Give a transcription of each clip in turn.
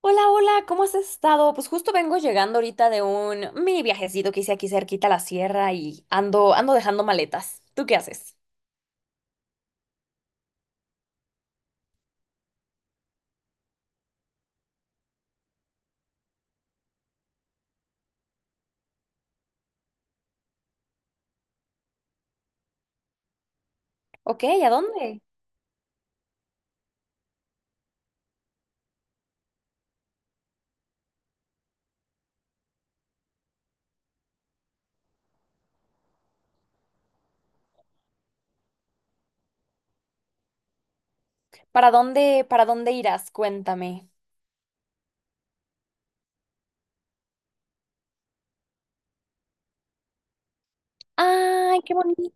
Hola, hola, ¿cómo has estado? Pues justo vengo llegando ahorita de un mini viajecito que hice aquí cerquita a la sierra y ando dejando maletas. ¿Tú qué haces? Ok, ¿a dónde? ¿Para dónde, para dónde irás? Cuéntame. Ay, qué bonito.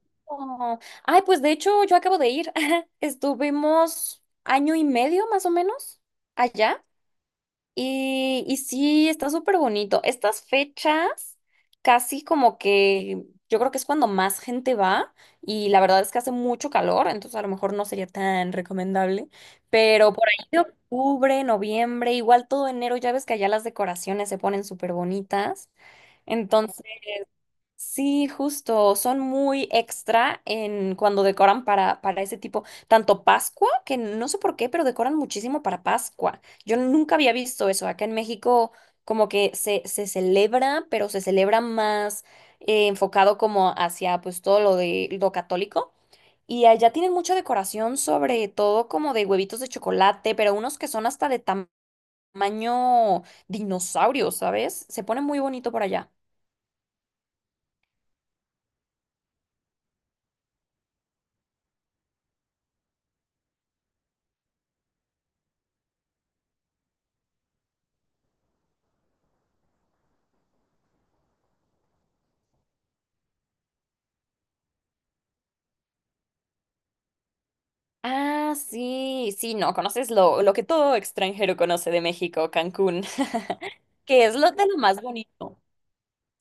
Ay, pues de hecho yo acabo de ir. Estuvimos año y medio más o menos allá. Y sí, está súper bonito. Estas fechas, casi como que yo creo que es cuando más gente va y la verdad es que hace mucho calor, entonces a lo mejor no sería tan recomendable, pero por ahí de octubre, noviembre, igual todo enero, ya ves que allá las decoraciones se ponen súper bonitas. Sí, justo, son muy extra en cuando decoran para ese tipo, tanto Pascua, que no sé por qué, pero decoran muchísimo para Pascua. Yo nunca había visto eso. Acá en México como que se celebra, pero se celebra más enfocado como hacia pues todo lo de lo católico. Y allá tienen mucha decoración, sobre todo como de huevitos de chocolate, pero unos que son hasta de tamaño dinosaurio, ¿sabes? Se pone muy bonito por allá. Ah, sí, sí, no, conoces lo que todo extranjero conoce de México, Cancún, que es lo de lo más bonito.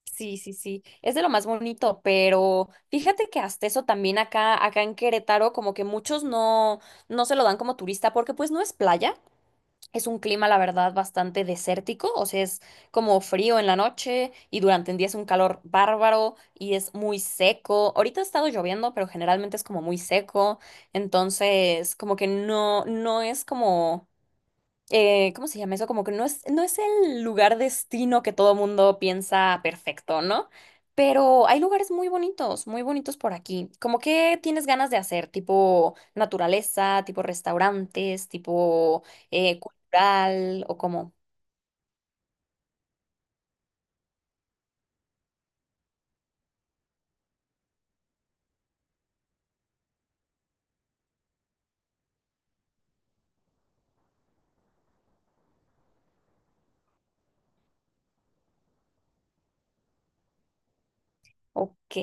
Sí, sí, sí, es de lo más bonito, pero fíjate que hasta eso también acá en Querétaro, como que muchos no, no se lo dan como turista porque pues no es playa. Es un clima, la verdad, bastante desértico, o sea, es como frío en la noche y durante el día es un calor bárbaro y es muy seco. Ahorita ha estado lloviendo, pero generalmente es como muy seco, entonces como que no, no es como ¿cómo se llama eso? Como que no es, no es el lugar destino que todo mundo piensa perfecto, ¿no? Pero hay lugares muy bonitos por aquí. ¿Cómo que tienes ganas de hacer? Tipo naturaleza, tipo restaurantes, tipo cultural o cómo. Ok,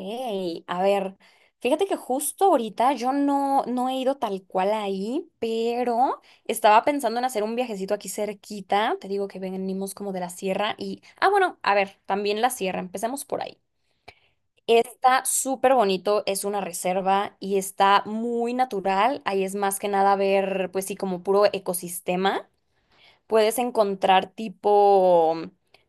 a ver, fíjate que justo ahorita yo no, no he ido tal cual ahí, pero estaba pensando en hacer un viajecito aquí cerquita. Te digo que venimos como de la sierra y, ah, bueno, a ver, también la sierra, empecemos por ahí. Está súper bonito, es una reserva y está muy natural. Ahí es más que nada ver, pues sí, como puro ecosistema. Puedes encontrar tipo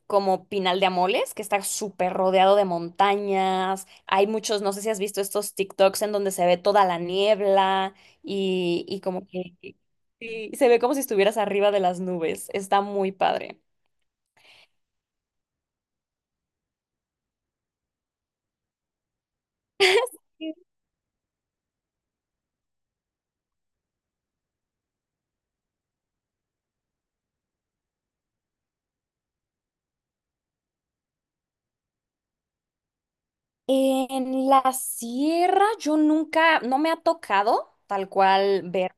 como Pinal de Amoles, que está súper rodeado de montañas. Hay muchos, no sé si has visto estos TikToks en donde se ve toda la niebla y como que y se ve como si estuvieras arriba de las nubes. Está muy padre. En la sierra yo nunca, no me ha tocado tal cual ver.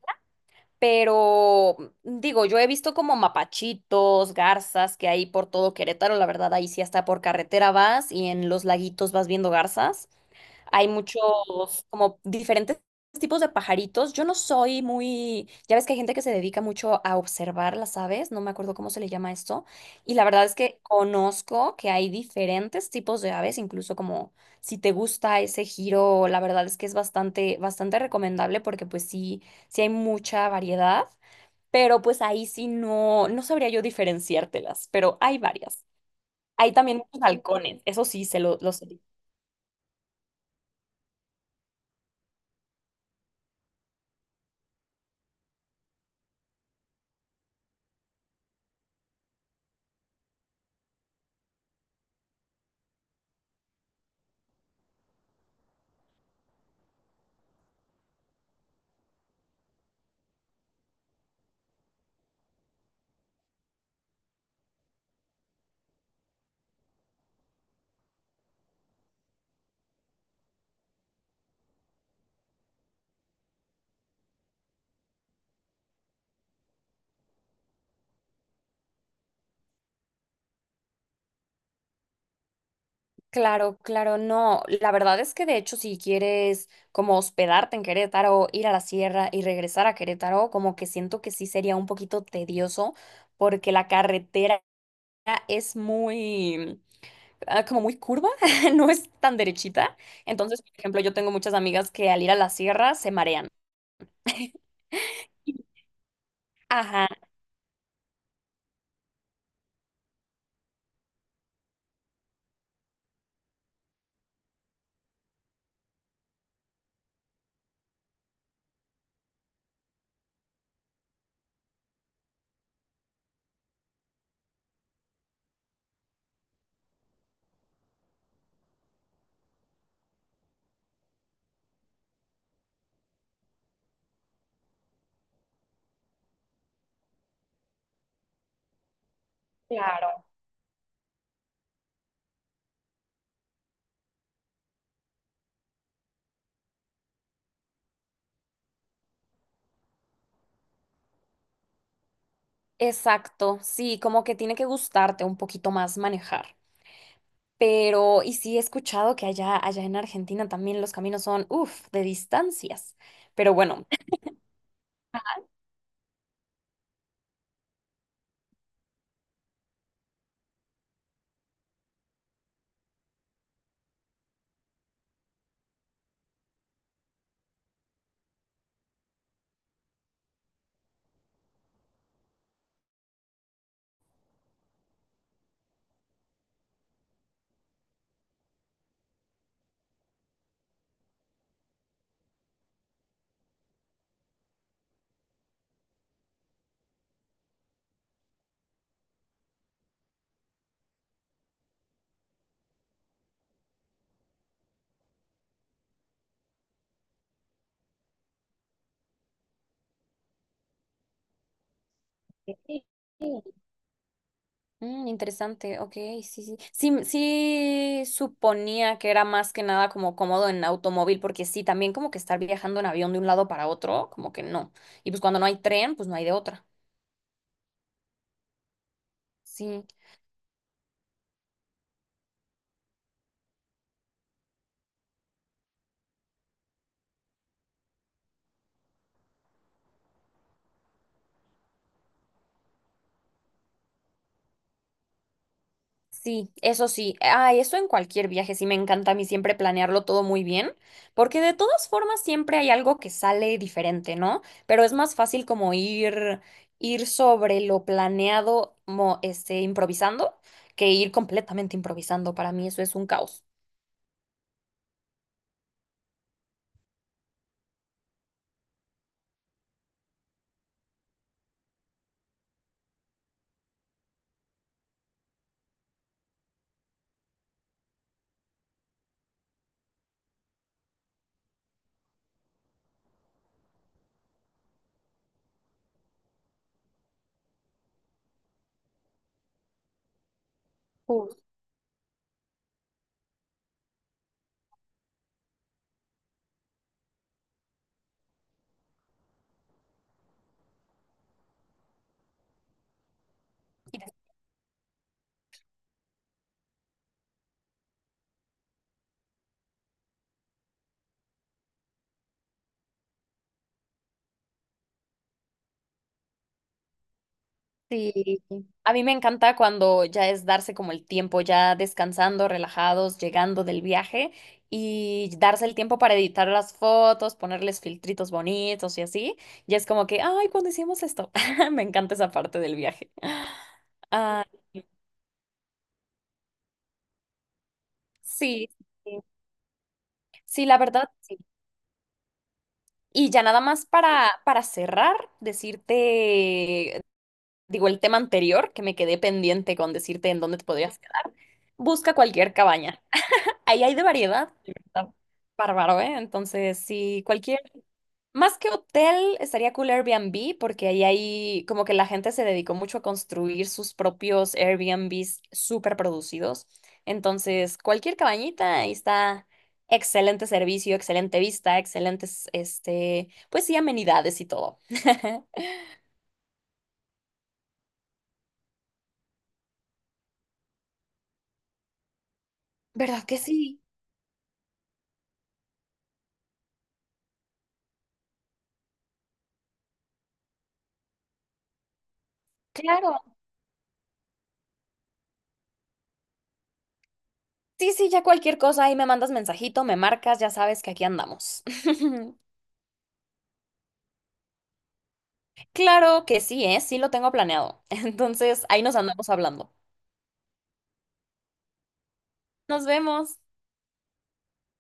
Pero digo, yo he visto como mapachitos, garzas que hay por todo Querétaro, la verdad, ahí sí hasta por carretera vas y en los laguitos vas viendo garzas. Hay muchos, como diferentes tipos de pajaritos. Yo no soy muy, ya ves que hay gente que se dedica mucho a observar las aves, no me acuerdo cómo se le llama esto. Y la verdad es que conozco que hay diferentes tipos de aves, incluso como si te gusta ese giro, la verdad es que es bastante, bastante recomendable porque pues sí, sí hay mucha variedad, pero pues ahí sí no, no sabría yo diferenciártelas, pero hay varias. Hay también muchos halcones, eso sí, se lo, los. Claro, claro, no. La verdad es que de hecho si quieres como hospedarte en Querétaro, ir a la sierra y regresar a Querétaro, como que siento que sí sería un poquito tedioso porque la carretera es muy, como muy curva, no es tan derechita. Entonces, por ejemplo, yo tengo muchas amigas que al ir a la sierra se marean. Ajá, claro. Exacto, sí, como que tiene que gustarte un poquito más manejar. Pero, y sí he escuchado que allá, allá en Argentina también los caminos son, uff, de distancias. Pero bueno, sí. Interesante, ok, sí, sí. Sí, sí suponía que era más que nada como cómodo en automóvil, porque sí, también como que estar viajando en avión de un lado para otro, como que no. Y pues cuando no hay tren, pues no hay de otra. Sí. Sí, eso sí. Ay, eso en cualquier viaje sí me encanta a mí siempre planearlo todo muy bien, porque de todas formas siempre hay algo que sale diferente, ¿no? Pero es más fácil como ir sobre lo planeado, este, improvisando, que ir completamente improvisando. Para mí eso es un caos. Justo. Sí, a mí me encanta cuando ya es darse como el tiempo, ya descansando, relajados, llegando del viaje y darse el tiempo para editar las fotos, ponerles filtritos bonitos y así. Y es como que, ay, cuando hicimos esto? Me encanta esa parte del viaje. Ah, sí, sí, sí, la verdad, sí. Y ya nada más para cerrar, decirte, digo, el tema anterior que me quedé pendiente con decirte en dónde te podrías quedar. Busca cualquier cabaña. Ahí hay de variedad, la verdad, bárbaro, ¿eh? Entonces, sí, cualquier, más que hotel, estaría cool Airbnb, porque ahí hay, como que la gente se dedicó mucho a construir sus propios Airbnbs súper producidos. Entonces, cualquier cabañita, ahí está excelente servicio, excelente vista, excelentes, este, pues sí, amenidades y todo. ¿Verdad que sí? Claro. Sí, sí, ya cualquier cosa, ahí me mandas mensajito, me marcas, ya sabes que aquí andamos. Claro que sí, ¿eh? Sí lo tengo planeado. Entonces, ahí nos andamos hablando. Nos vemos.